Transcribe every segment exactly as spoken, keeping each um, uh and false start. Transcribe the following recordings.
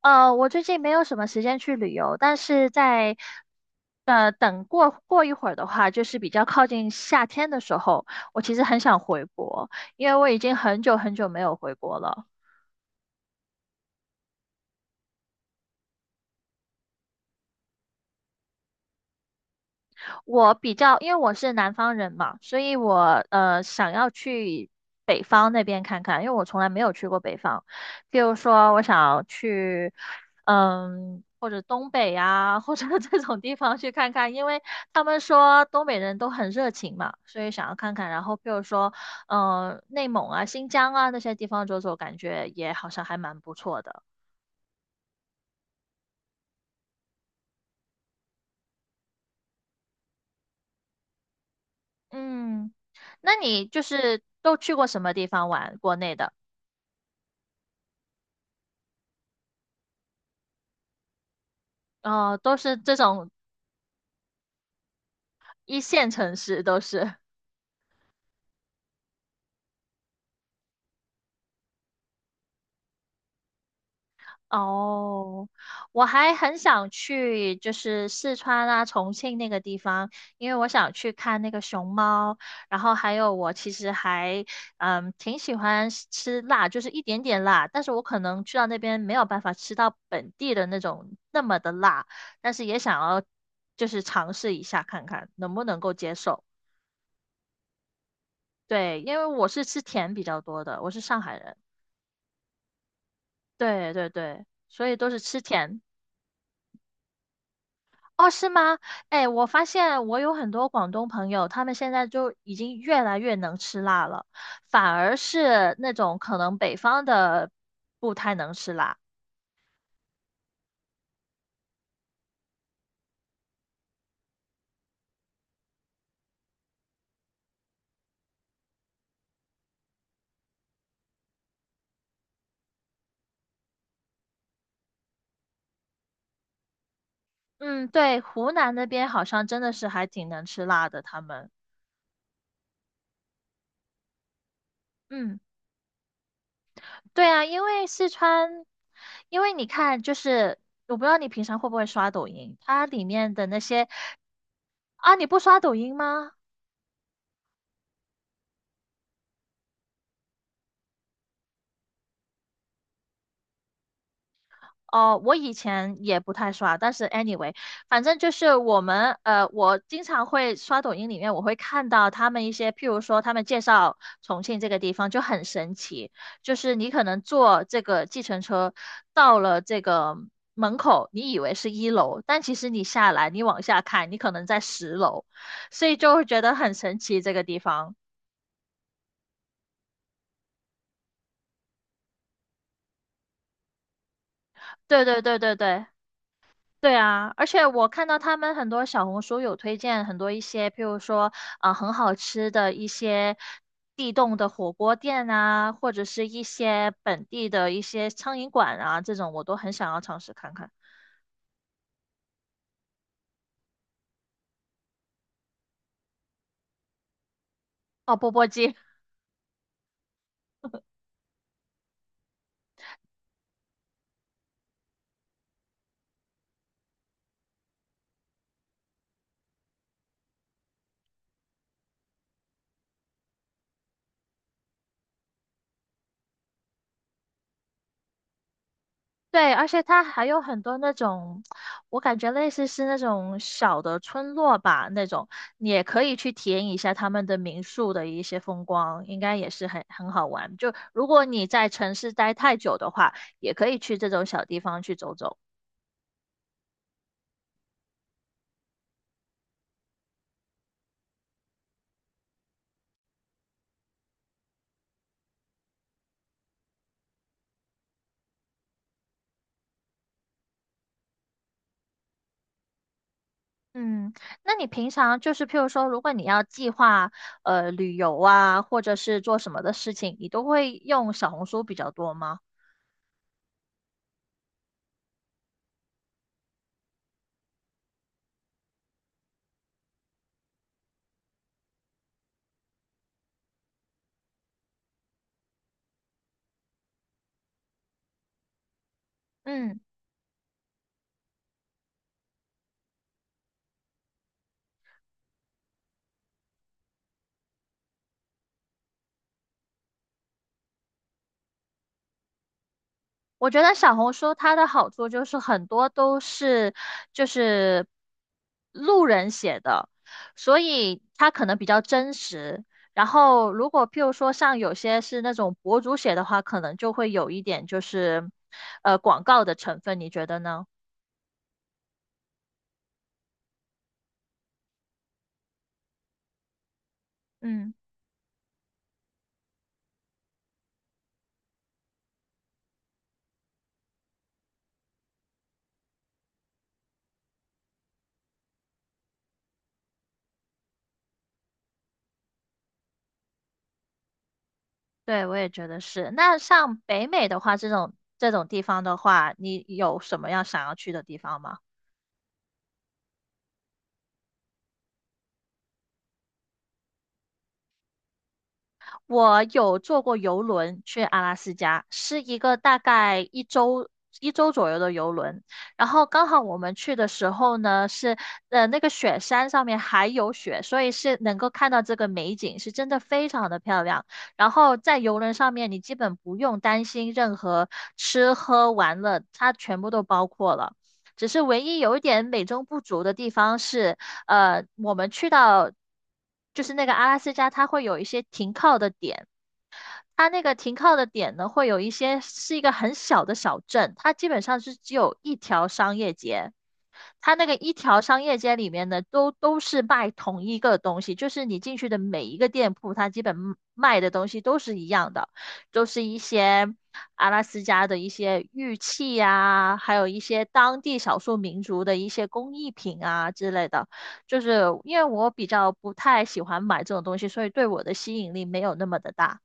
呃，我最近没有什么时间去旅游，但是在呃等过过一会儿的话，就是比较靠近夏天的时候，我其实很想回国，因为我已经很久很久没有回国了。我比较，因为我是南方人嘛，所以我呃想要去北方那边看看，因为我从来没有去过北方。譬如说，我想要去，嗯，或者东北呀，或者 这种地方去看看，因为他们说东北人都很热情嘛，所以想要看看。然后譬如说，嗯、内蒙啊、新疆啊那些地方走走，感觉也好像还蛮不错的。嗯，那你就是都去过什么地方玩？国内的？哦，都是这种一线城市都是。哦，我还很想去，就是四川啊、重庆那个地方，因为我想去看那个熊猫。然后还有，我其实还嗯挺喜欢吃吃辣，就是一点点辣，但是我可能去到那边没有办法吃到本地的那种那么的辣，但是也想要就是尝试一下看看能不能够接受。对，因为我是吃甜比较多的，我是上海人。对对对，所以都是吃甜。哦，是吗？哎，我发现我有很多广东朋友，他们现在就已经越来越能吃辣了，反而是那种可能北方的不太能吃辣。嗯，对，湖南那边好像真的是还挺能吃辣的，他们。嗯，对啊，因为四川，因为你看，就是我不知道你平常会不会刷抖音，它里面的那些啊，你不刷抖音吗？哦，我以前也不太刷，但是 anyway，反正就是我们呃，我经常会刷抖音里面，我会看到他们一些，譬如说他们介绍重庆这个地方就很神奇，就是你可能坐这个计程车到了这个门口，你以为是一楼，但其实你下来，你往下看，你可能在十楼，所以就会觉得很神奇这个地方。对对对对对。对啊，而且我看到他们很多小红书有推荐很多一些，譬如说啊，很好吃的一些地洞的火锅店啊，或者是一些本地的一些苍蝇馆啊，这种我都很想要尝试看看。哦，钵钵鸡。对，而且它还有很多那种，我感觉类似是那种小的村落吧，那种你也可以去体验一下他们的民宿的一些风光，应该也是很很好玩。就如果你在城市待太久的话，也可以去这种小地方去走走。嗯，那你平常就是譬如说，如果你要计划呃旅游啊，或者是做什么的事情，你都会用小红书比较多吗？嗯。我觉得小红书它的好处就是很多都是就是路人写的，所以它可能比较真实。然后如果譬如说像有些是那种博主写的话，可能就会有一点就是呃广告的成分，你觉得呢？嗯，对，我也觉得是。那像北美的话，这种这种地方的话，你有什么样想要去的地方吗？我有坐过游轮去阿拉斯加，是一个大概一周一周左右的游轮。然后刚好我们去的时候呢，是呃那个雪山上面还有雪，所以是能够看到这个美景，是真的非常的漂亮。然后在游轮上面，你基本不用担心任何吃喝玩乐，它全部都包括了。只是唯一有一点美中不足的地方是，呃，我们去到就是那个阿拉斯加，它会有一些停靠的点。它那个停靠的点呢，会有一些是一个很小的小镇，它基本上是只有一条商业街。它那个一条商业街里面呢，都都是卖同一个东西，就是你进去的每一个店铺，它基本卖的东西都是一样的，都是一些阿拉斯加的一些玉器啊，还有一些当地少数民族的一些工艺品啊之类的。就是因为我比较不太喜欢买这种东西，所以对我的吸引力没有那么的大。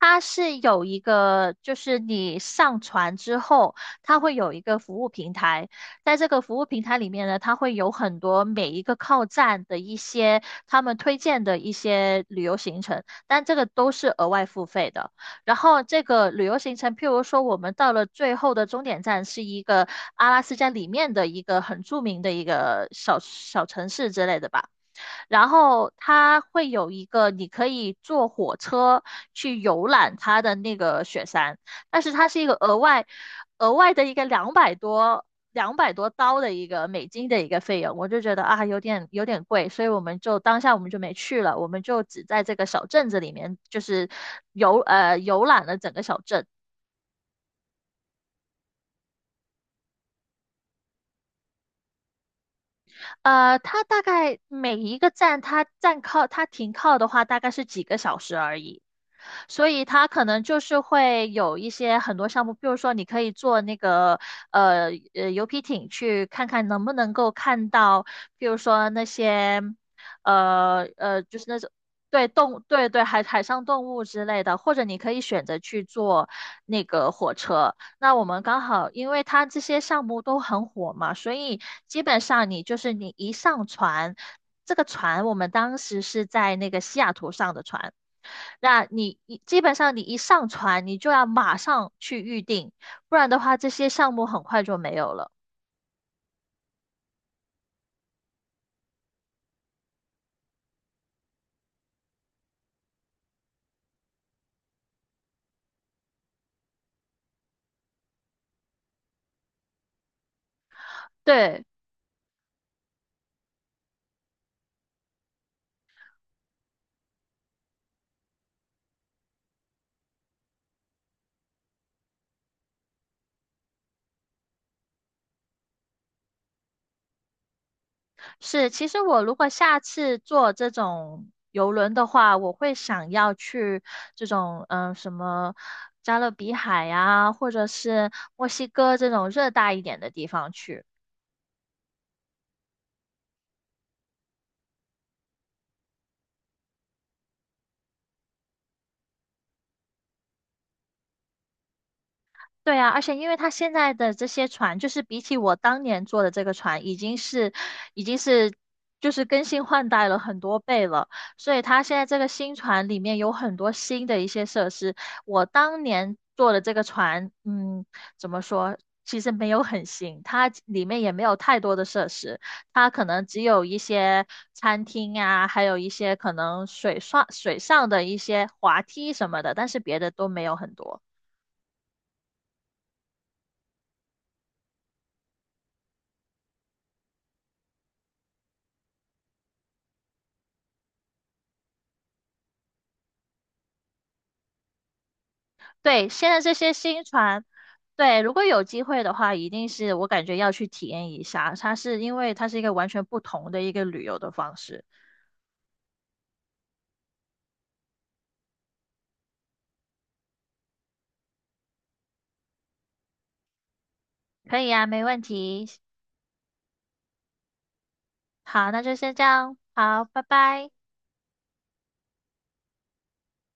它是有一个，就是你上传之后，它会有一个服务平台，在这个服务平台里面呢，它会有很多每一个靠站的一些他们推荐的一些旅游行程，但这个都是额外付费的。然后这个旅游行程，譬如说我们到了最后的终点站是一个阿拉斯加里面的一个很著名的一个小小城市之类的吧。然后它会有一个你可以坐火车去游览它的那个雪山，但是它是一个额外额外的一个两百多两百多刀的一个美金的一个费用，我就觉得啊有点有点贵，所以我们就当下我们就没去了，我们就只在这个小镇子里面就是游呃游览了整个小镇。呃，它大概每一个站，它站靠它停靠的话，大概是几个小时而已。所以它可能就是会有一些很多项目，比如说你可以坐那个呃呃游皮艇去看看能不能够看到，比如说那些呃呃就是那种对动对对海海上动物之类的，或者你可以选择去坐那个火车。那我们刚好，因为它这些项目都很火嘛，所以基本上你就是你一上船，这个船我们当时是在那个西雅图上的船，那你一基本上你一上船，你就要马上去预定，不然的话这些项目很快就没有了。对。是，其实我如果下次坐这种游轮的话，我会想要去这种嗯、呃什么加勒比海呀，或者是墨西哥这种热带一点的地方去。对啊，而且因为它现在的这些船，就是比起我当年做的这个船，已经是已经是就是更新换代了很多倍了，所以它现在这个新船里面有很多新的一些设施。我当年做的这个船，嗯，怎么说？其实没有很新，它里面也没有太多的设施，它可能只有一些餐厅啊，还有一些可能水上水上的一些滑梯什么的，但是别的都没有很多。对，现在这些新船，对，如果有机会的话，一定是我感觉要去体验一下。它是因为它是一个完全不同的一个旅游的方式。可以啊，没问题。好，那就先这样。好，拜拜。